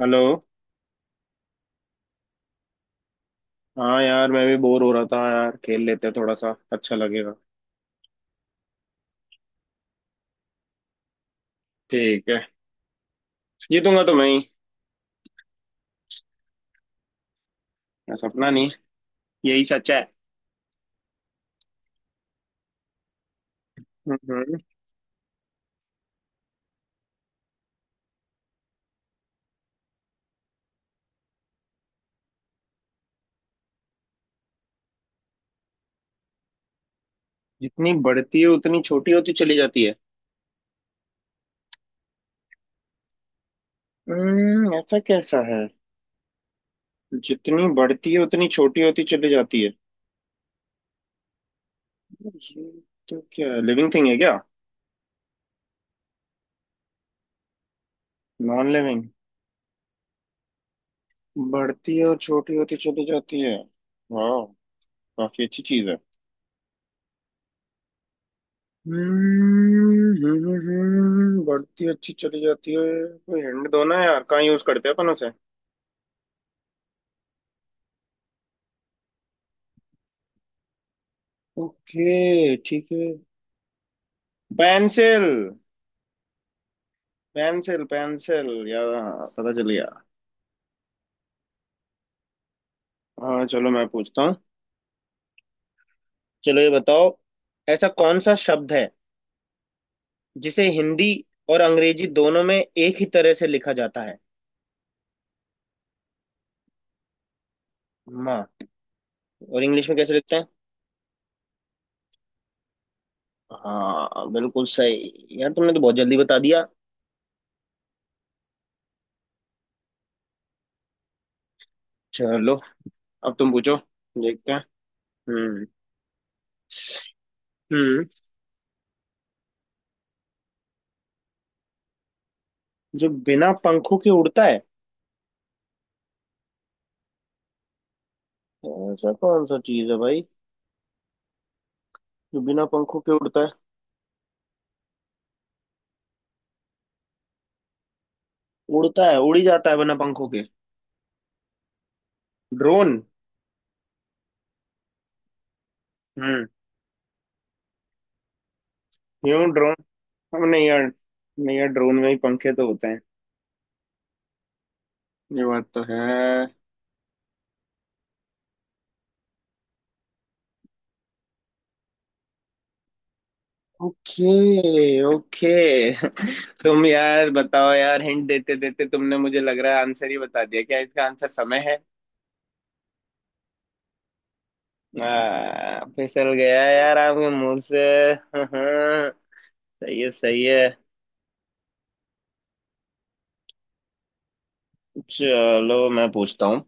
Hello. हाँ यार, मैं भी बोर हो रहा था यार, खेल लेते हैं, थोड़ा सा अच्छा लगेगा। ठीक है। जीतूंगा तो मैं ही। मैं सपना नहीं, यही सच है। हम्म। जितनी बढ़ती है उतनी छोटी होती चली जाती है? हम्म, ऐसा कैसा है? जितनी बढ़ती है उतनी छोटी होती चली जाती है। ये तो क्या है, लिविंग थिंग है क्या? Non living? बढ़ती है और छोटी होती चली जाती है। वाह, काफी अच्छी चीज है। बढ़ती अच्छी चली जाती है। कोई हिंट दो ना यार, कहाँ यूज करते हैं अपन उसे? ओके ठीक है। पेंसिल। पेंसिल यार, हाँ, पता चल गया। हाँ चलो मैं पूछता हूँ। चलो ये बताओ, ऐसा कौन सा शब्द है जिसे हिंदी और अंग्रेजी दोनों में एक ही तरह से लिखा जाता है? माँ? और इंग्लिश में कैसे लिखते हैं? हाँ बिल्कुल सही यार, तुमने तो बहुत जल्दी बता दिया। चलो अब तुम पूछो। देखते हैं। हम्म हम्म जो बिना पंखों के उड़ता है? ऐसा कौन सा चीज है भाई जो बिना पंखों के उड़ता है? उड़ता है, उड़ी जाता है बिना पंखों के। ड्रोन? हम्म, क्यों ड्रोन? हम नहीं यार, नहीं यार, ड्रोन में ही पंखे तो होते हैं, ये बात तो है। Okay okay. तुम यार बताओ यार, हिंट देते देते तुमने मुझे लग रहा है आंसर ही बता दिया, क्या इसका आंसर समय है? फिसल गया यार आपके मुंह से। सही है सही है। चलो मैं पूछता हूँ।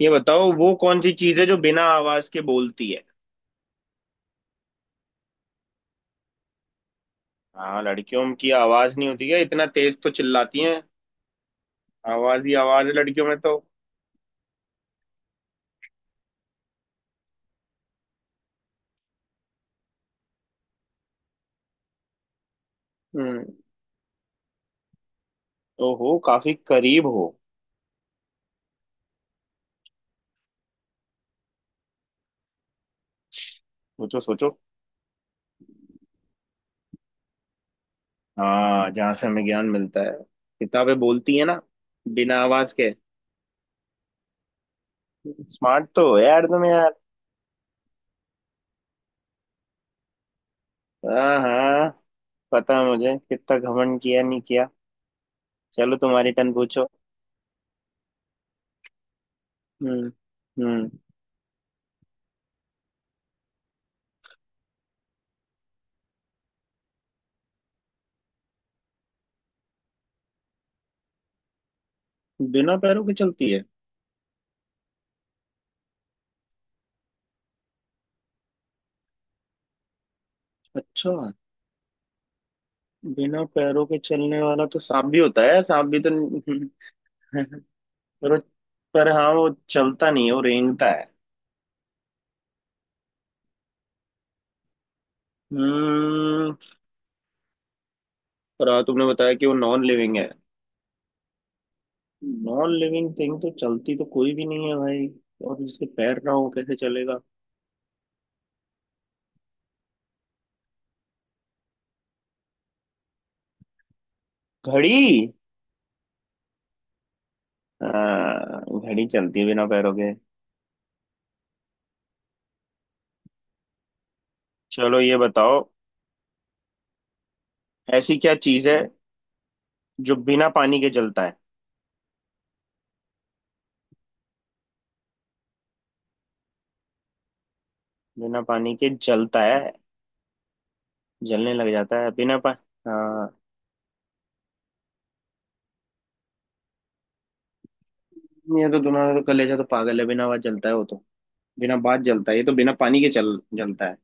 ये बताओ, वो कौन सी चीज है जो बिना आवाज के बोलती है? हाँ, लड़कियों की आवाज नहीं होती है, इतना तेज तो चिल्लाती हैं, आवाज ही आवाज है लड़कियों में तो। हम्म, ओहो, काफी करीब हो। सोचो सोचो। हाँ, जहाँ से हमें ज्ञान मिलता है, किताबें बोलती है ना, बिना आवाज के। स्मार्ट तो हो यार तुम यार। हाँ हाँ, पता है मुझे, कितना घमंड किया नहीं किया। चलो तुम्हारी टर्न, पूछो। हम्म हम्म बिना पैरों के चलती है? अच्छा, बिना पैरों के चलने वाला तो सांप भी होता है, सांप भी तो। पर वो- पर हाँ वो चलता नहीं है, वो रेंगता है। हम्म, पर हाँ तुमने बताया कि वो नॉन लिविंग है। नॉन लिविंग थिंग तो चलती तो कोई भी नहीं है भाई, और जिसके पैर ना हो कैसे चलेगा? घड़ी? हाँ घड़ी चलती है बिना पैरों के। चलो ये बताओ, ऐसी क्या चीज है जो बिना पानी के जलता है? बिना पानी के जलता है, जलने लग जाता है बिना पा। हाँ, ये तो तुम्हारा तो कलेजा तो पागल है, बिना बात जलता है वो तो, बिना बात जलता है, ये तो बिना पानी के चल जलता है।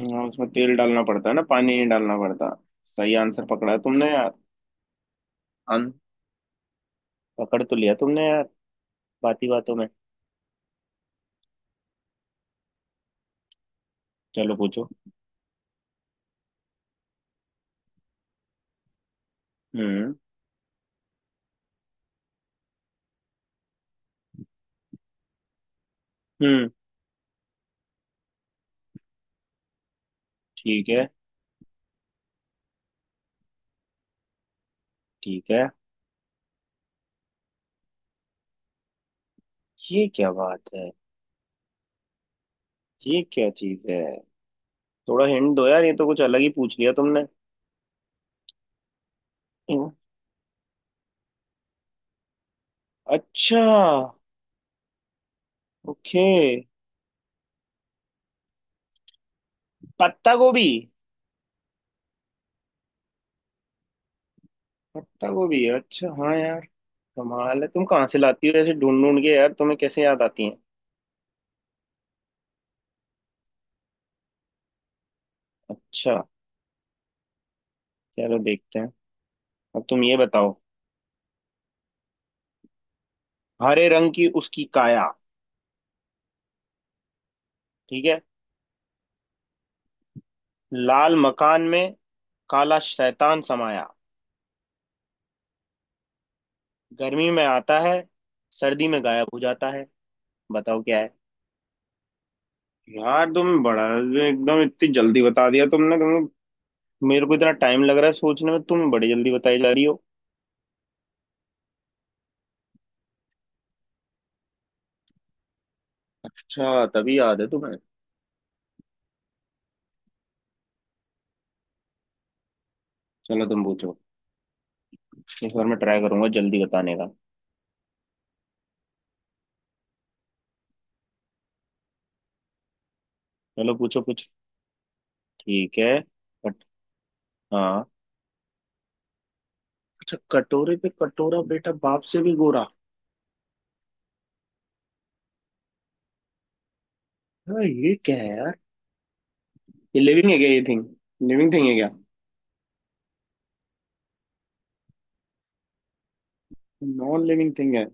हाँ, उसमें तेल डालना पड़ता है ना, पानी नहीं डालना पड़ता। सही आंसर पकड़ा है तुमने यार। अन पकड़ तो लिया तुमने यार, बाती बातों में। चलो पूछो। हम्म हम्म ठीक है ठीक है। ये क्या बात है? ये क्या चीज है? थोड़ा हिंट दो यार, ये तो कुछ अलग ही पूछ लिया तुमने। हम्म, अच्छा, ओके, पत्ता गोभी? पत्ता गोभी, अच्छा हाँ यार, कमाल है, तुम कहाँ से लाती हो ऐसे ढूंढ ढूंढ के, यार तुम्हें कैसे याद आती है? अच्छा, चलो देखते हैं। अब तुम ये बताओ। हरे रंग की उसकी काया, ठीक है, लाल मकान में काला शैतान समाया, गर्मी में आता है, सर्दी में गायब हो जाता है, बताओ क्या है? यार तुम बड़ा एकदम इतनी जल्दी बता दिया तुमने, तुम्हें मेरे को इतना टाइम लग रहा है सोचने में, तुम बड़ी जल्दी बताई जा रही हो। अच्छा, तभी याद है तुम्हें। चलो तुम पूछो, इस बार मैं ट्राई करूंगा जल्दी बताने का। चलो पूछो कुछ। ठीक है। बट हाँ, अच्छा, कटोरे पे कटोरा बेटा बाप से भी गोरा। हाँ ये क्या है यार? ये लिविंग है क्या ये थिंग? लिविंग थिंग है क्या? नॉन लिविंग थिंग है?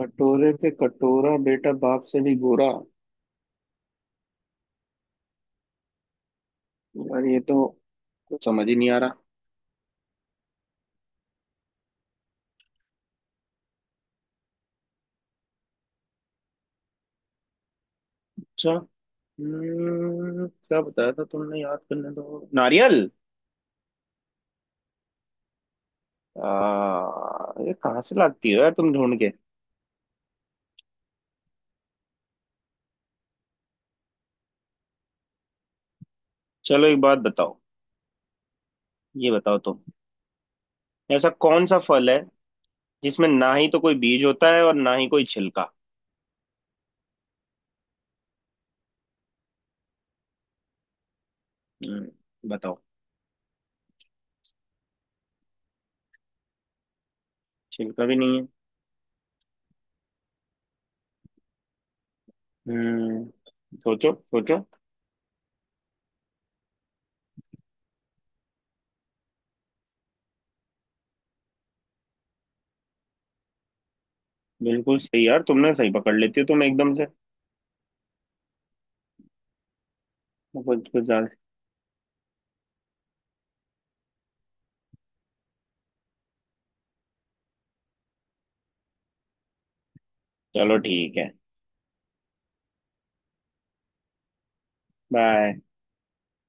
कटोरे पे कटोरा बेटा बाप से भी गोरा, यार ये तो कुछ समझ ही नहीं आ रहा। अच्छा, क्या बताया था तुमने, याद करने दो। नारियल? आ, ये कहाँ से लाती हो यार तुम ढूंढ के? चलो एक बात बताओ, ये बताओ तुम, ऐसा कौन सा फल है जिसमें ना ही तो कोई बीज होता है और ना ही कोई छिलका? बताओ। छिलका भी नहीं है। हम्म, सोचो सोचो। बिल्कुल सही यार, तुमने सही पकड़ लेती हो तुम एकदम से। कुछ कुछ ज्यादा- चलो ठीक है। बाय।